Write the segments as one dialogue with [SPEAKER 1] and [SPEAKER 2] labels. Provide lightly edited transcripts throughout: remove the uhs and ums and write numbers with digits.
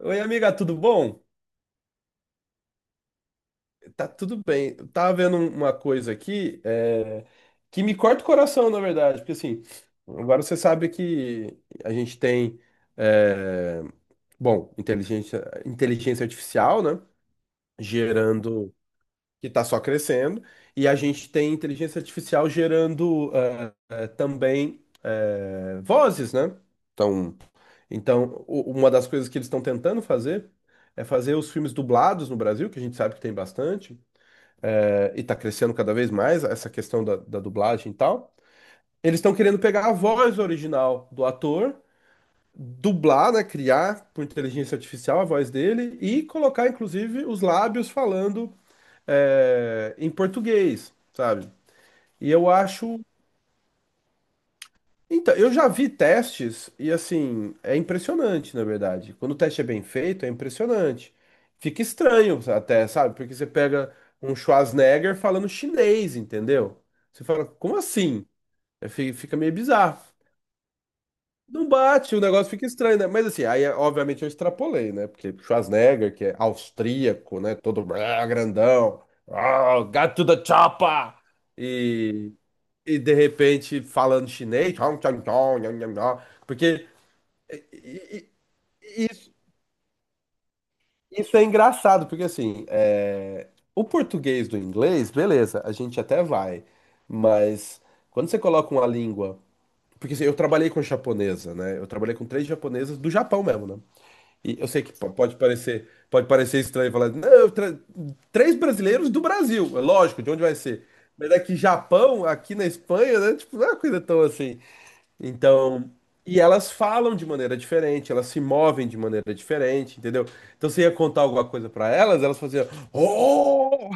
[SPEAKER 1] Oi, amiga, tudo bom? Tá tudo bem. Eu tava vendo uma coisa aqui que me corta o coração, na verdade, porque assim, agora você sabe que a gente tem, é, bom, inteligência artificial, né? Gerando. Que está só crescendo, e a gente tem inteligência artificial gerando também vozes, né? Então, uma das coisas que eles estão tentando fazer é fazer os filmes dublados no Brasil, que a gente sabe que tem bastante, e está crescendo cada vez mais essa questão da dublagem e tal. Eles estão querendo pegar a voz original do ator, dublar, né, criar por inteligência artificial a voz dele e colocar, inclusive, os lábios falando em português, sabe? E eu acho. Então, eu já vi testes e assim, é impressionante, na verdade. Quando o teste é bem feito, é impressionante. Fica estranho até, sabe? Porque você pega um Schwarzenegger falando chinês, entendeu? Você fala, como assim? É, fica meio bizarro. Não bate, o negócio fica estranho, né? Mas assim, aí obviamente eu extrapolei, né? Porque Schwarzenegger, que é austríaco, né? Todo ah, grandão, ah, got to the chopper! E, e de repente falando chinês, tchau, tchau, tchau, nham, nham, nham. Porque e- isso é engraçado, porque assim, é, o português do inglês, beleza, a gente até vai, mas quando você coloca uma língua, porque assim, eu trabalhei com japonesa, né? Eu trabalhei com três japonesas do Japão mesmo, né? E eu sei que pode parecer estranho falar, não, três brasileiros do Brasil, é lógico, de onde vai ser? Mas é que Japão, aqui na Espanha, né? Tipo, não é uma coisa tão assim. Então, e elas falam de maneira diferente, elas se movem de maneira diferente, entendeu? Então você ia contar alguma coisa pra elas, elas faziam, oh,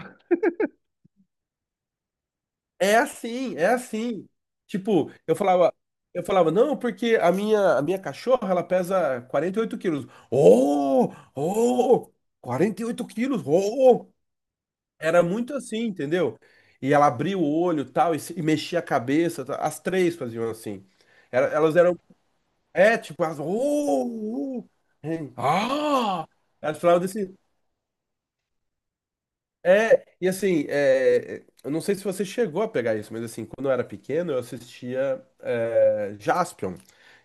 [SPEAKER 1] é assim, é assim. Tipo, eu falava, não, porque a minha cachorra, ela pesa 48 quilos. Oh, oh, 48 quilos, oh. Era muito assim, entendeu? E ela abria o olho, tal, e, e mexia a cabeça, tal. As três faziam assim. Elas eram, é, tipo, as... hein, ah! As fraldas assim. É, e assim, é, eu não sei se você chegou a pegar isso, mas assim, quando eu era pequeno, eu assistia Jaspion,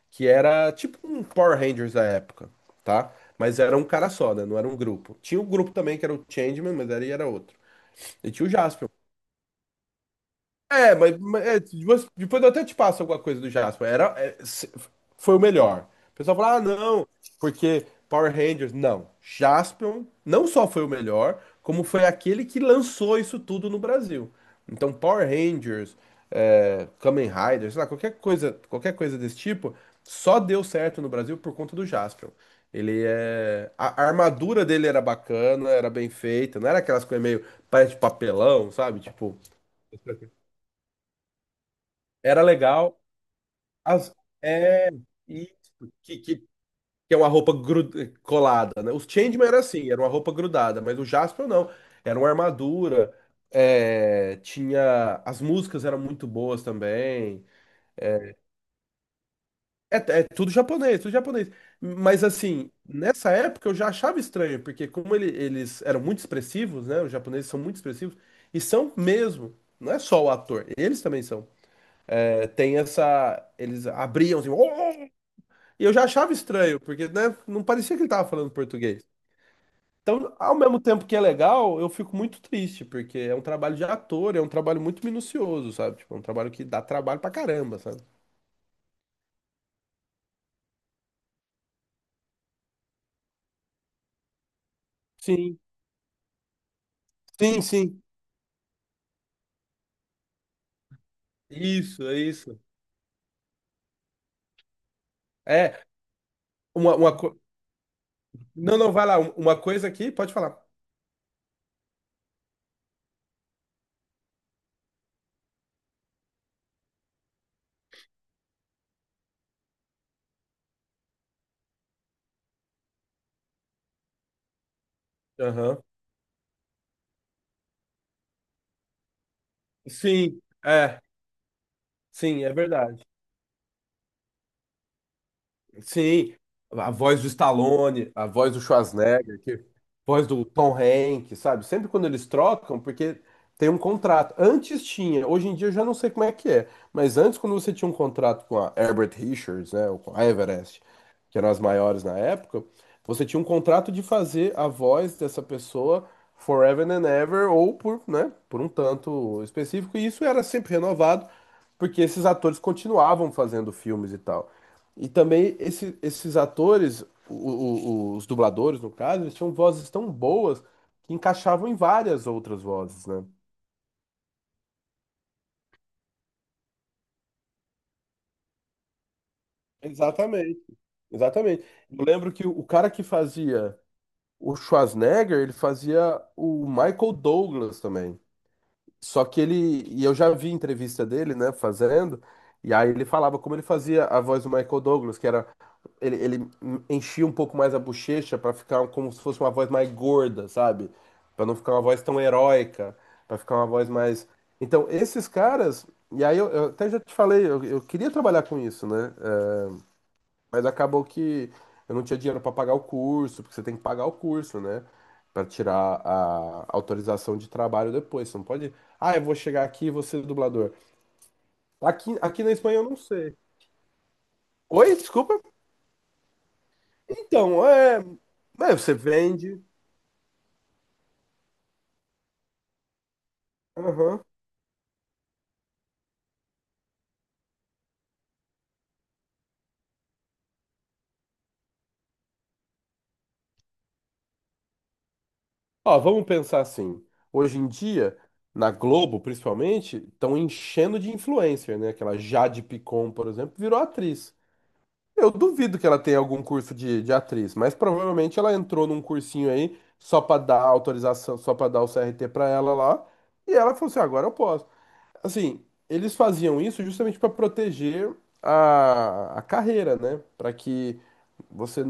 [SPEAKER 1] que era tipo um Power Rangers da época, tá? Mas era um cara só, né? Não era um grupo. Tinha um grupo também que era o Changeman, mas era outro. E tinha o Jaspion. É, mas é, depois eu até te passo alguma coisa do Jasper. Era, é, se- foi o melhor. O pessoal fala, ah, não, porque Power Rangers. Não. Jaspion não só foi o melhor, como foi aquele que lançou isso tudo no Brasil. Então, Power Rangers, é, Kamen Rider, sei lá, qualquer coisa desse tipo, só deu certo no Brasil por conta do Jaspion. Ele é. A armadura dele era bacana, era bem feita, não era aquelas coisas meio. Parece papelão, sabe? Tipo, era legal. As-, é, isso, que é uma roupa colada, né? Os Changeman era assim, era uma roupa grudada, mas o Jaspion não. Era uma armadura, é, tinha... As músicas eram muito boas também. É, é tudo japonês, tudo japonês. Mas assim, nessa época eu já achava estranho, porque como eles eram muito expressivos, né? Os japoneses são muito expressivos, e são mesmo. Não é só o ator, eles também são. É, tem essa... Eles abriam assim... E eu já achava estranho, porque, né, não parecia que ele tava falando português. Então, ao mesmo tempo que é legal, eu fico muito triste, porque é um trabalho de ator, é um trabalho muito minucioso, sabe? Tipo, é um trabalho que dá trabalho pra caramba, sabe? Sim, sim, sim. Isso. É, uma co... Não, não, vai lá, uma coisa aqui, pode falar. Aham. Sim, é, sim, é verdade. Sim, a voz do Stallone, a voz do Schwarzenegger, que, voz do Tom Hanks, sabe? Sempre quando eles trocam, porque tem um contrato. Antes tinha, hoje em dia eu já não sei como é que é, mas antes quando você tinha um contrato com a Herbert Richards, né, ou com a Everest, que eram as maiores na época, você tinha um contrato de fazer a voz dessa pessoa forever and ever ou por, né, por um tanto específico, e isso era sempre renovado. Porque esses atores continuavam fazendo filmes e tal. E também esses atores, o- o- os dubladores, no caso, eles tinham vozes tão boas que encaixavam em várias outras vozes, né? Exatamente, exatamente. Eu lembro que o cara que fazia o Schwarzenegger, ele fazia o Michael Douglas também. Só que ele, e eu já vi entrevista dele, né, fazendo, e aí ele falava como ele fazia a voz do Michael Douglas, que era, ele enchia um pouco mais a bochecha pra ficar como se fosse uma voz mais gorda, sabe? Pra não ficar uma voz tão heróica, pra ficar uma voz mais. Então, esses caras, e aí eu até já te falei, eu queria trabalhar com isso, né? Mas acabou que eu não tinha dinheiro para pagar o curso, porque você tem que pagar o curso, né? Para tirar a autorização de trabalho depois. Você não pode. Ah, eu vou chegar aqui e vou ser dublador. Aqui, aqui na Espanha eu não sei. Oi, desculpa. Então, é. É, você vende. Aham. Ó, vamos pensar assim. Hoje em dia, na Globo, principalmente, estão enchendo de influencer, né? Aquela Jade Picon, por exemplo, virou atriz. Eu duvido que ela tenha algum curso de atriz, mas provavelmente ela entrou num cursinho aí só pra dar autorização, só pra dar o CRT pra ela lá, e ela falou assim: "Ah, agora eu posso. Assim, eles faziam isso justamente pra proteger a carreira, né? Pra que você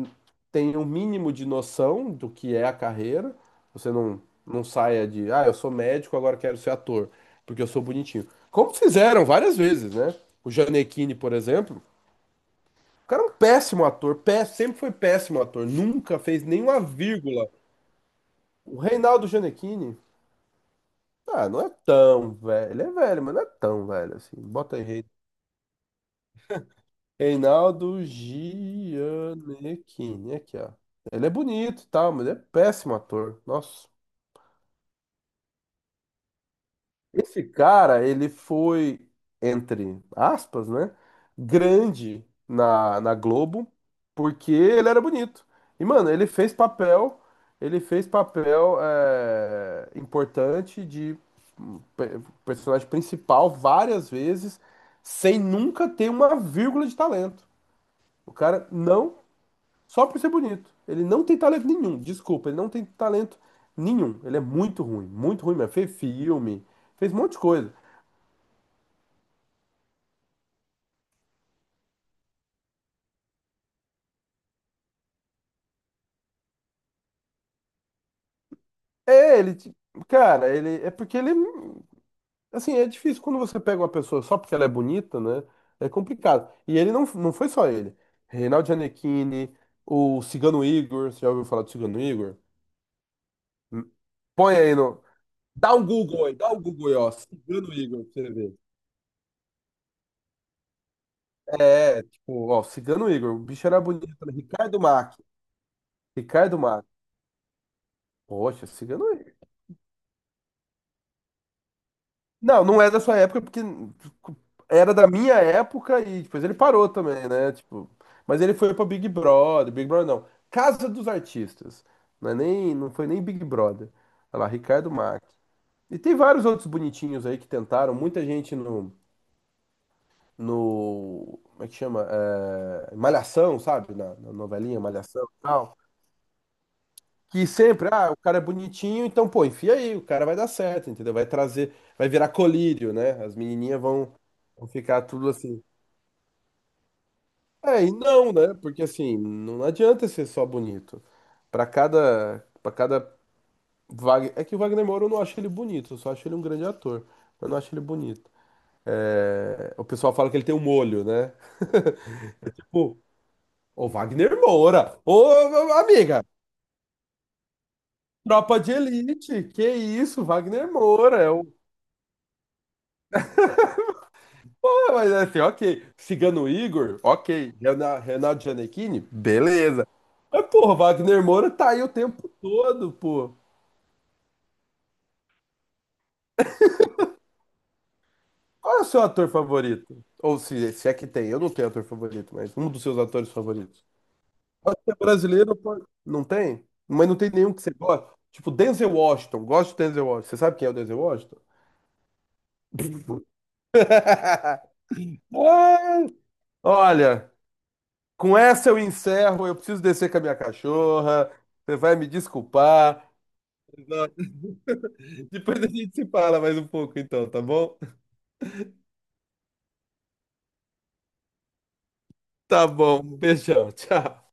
[SPEAKER 1] tenha um mínimo de noção do que é a carreira, você não, não saia de, ah, eu sou médico, agora quero ser ator, porque eu sou bonitinho. Como fizeram várias vezes, né? O Gianecchini, por exemplo. O cara é um péssimo ator, pé, sempre foi péssimo ator, nunca fez nenhuma vírgula. O Reinaldo Gianecchini, ah, não é tão velho, ele é velho, mas não é tão velho assim. Bota aí, Reinaldo Gianecchini, aqui, ó. Ele é bonito e tal, mas ele é péssimo ator. Nossa. Esse cara, ele foi, entre aspas, né? Grande na Globo, porque ele era bonito. E, mano, ele fez papel é, importante de personagem principal várias vezes, sem nunca ter uma vírgula de talento. O cara não, só por ser bonito. Ele não tem talento nenhum, desculpa, ele não tem talento nenhum. Ele é muito ruim mesmo. Fez filme, fez um monte de coisa. É, ele, ti- cara, ele é porque ele, assim, é difícil quando você pega uma pessoa só porque ela é bonita, né? É complicado. E ele não, não foi só ele. Reinaldo Gianecchini, o Cigano Igor, você já ouviu falar do Cigano Igor? Hum, Põe aí no. Dá um Google aí, dá um Google aí, ó. Cigano Igor, pra você ver. É, tipo, ó, Cigano Igor, o bicho era bonito, né? Ricardo Mack, Ricardo Mack. Poxa, Cigano Não, não é da sua época, porque era da minha época e depois ele parou também, né? Tipo, mas ele foi pra Big Brother, Big Brother não, Casa dos Artistas. Não é nem, não foi nem Big Brother. Olha lá, Ricardo Mack. E tem vários outros bonitinhos aí que tentaram, muita gente no, no, como é que chama? É, Malhação, sabe? Na novelinha Malhação e tal. Que sempre, ah, o cara é bonitinho, então, pô, enfia aí, o cara vai dar certo, entendeu? Vai trazer, vai virar colírio, né? As menininhas vão, vão ficar tudo assim. É, e não, né? Porque assim, não adianta ser só bonito. Para cada Wagner, é que o Wagner Moura eu não acho ele bonito, eu só acho ele um grande ator, mas eu não acho ele bonito. É, o pessoal fala que ele tem um molho, né? Tipo, ô Wagner Moura, ô amiga, tropa de elite, que isso, Wagner Moura, é o Não, mas é assim, ok. Cigano Igor, ok. Renato Gianecchini, beleza. Mas, porra, Wagner Moura tá aí o tempo todo, pô. Qual é o seu ator favorito? Ou se é que tem, eu não tenho ator favorito, mas um dos seus atores favoritos. Pode ser brasileiro, pode... Não tem? Mas não tem nenhum que você gosta. Tipo, Denzel Washington. Gosto de Denzel Washington. Você sabe quem é o Denzel Washington? Olha, com essa eu encerro. Eu preciso descer com a minha cachorra. Você vai me desculpar. Depois a gente se fala mais um pouco, então, tá bom? Tá bom, beijão, tchau.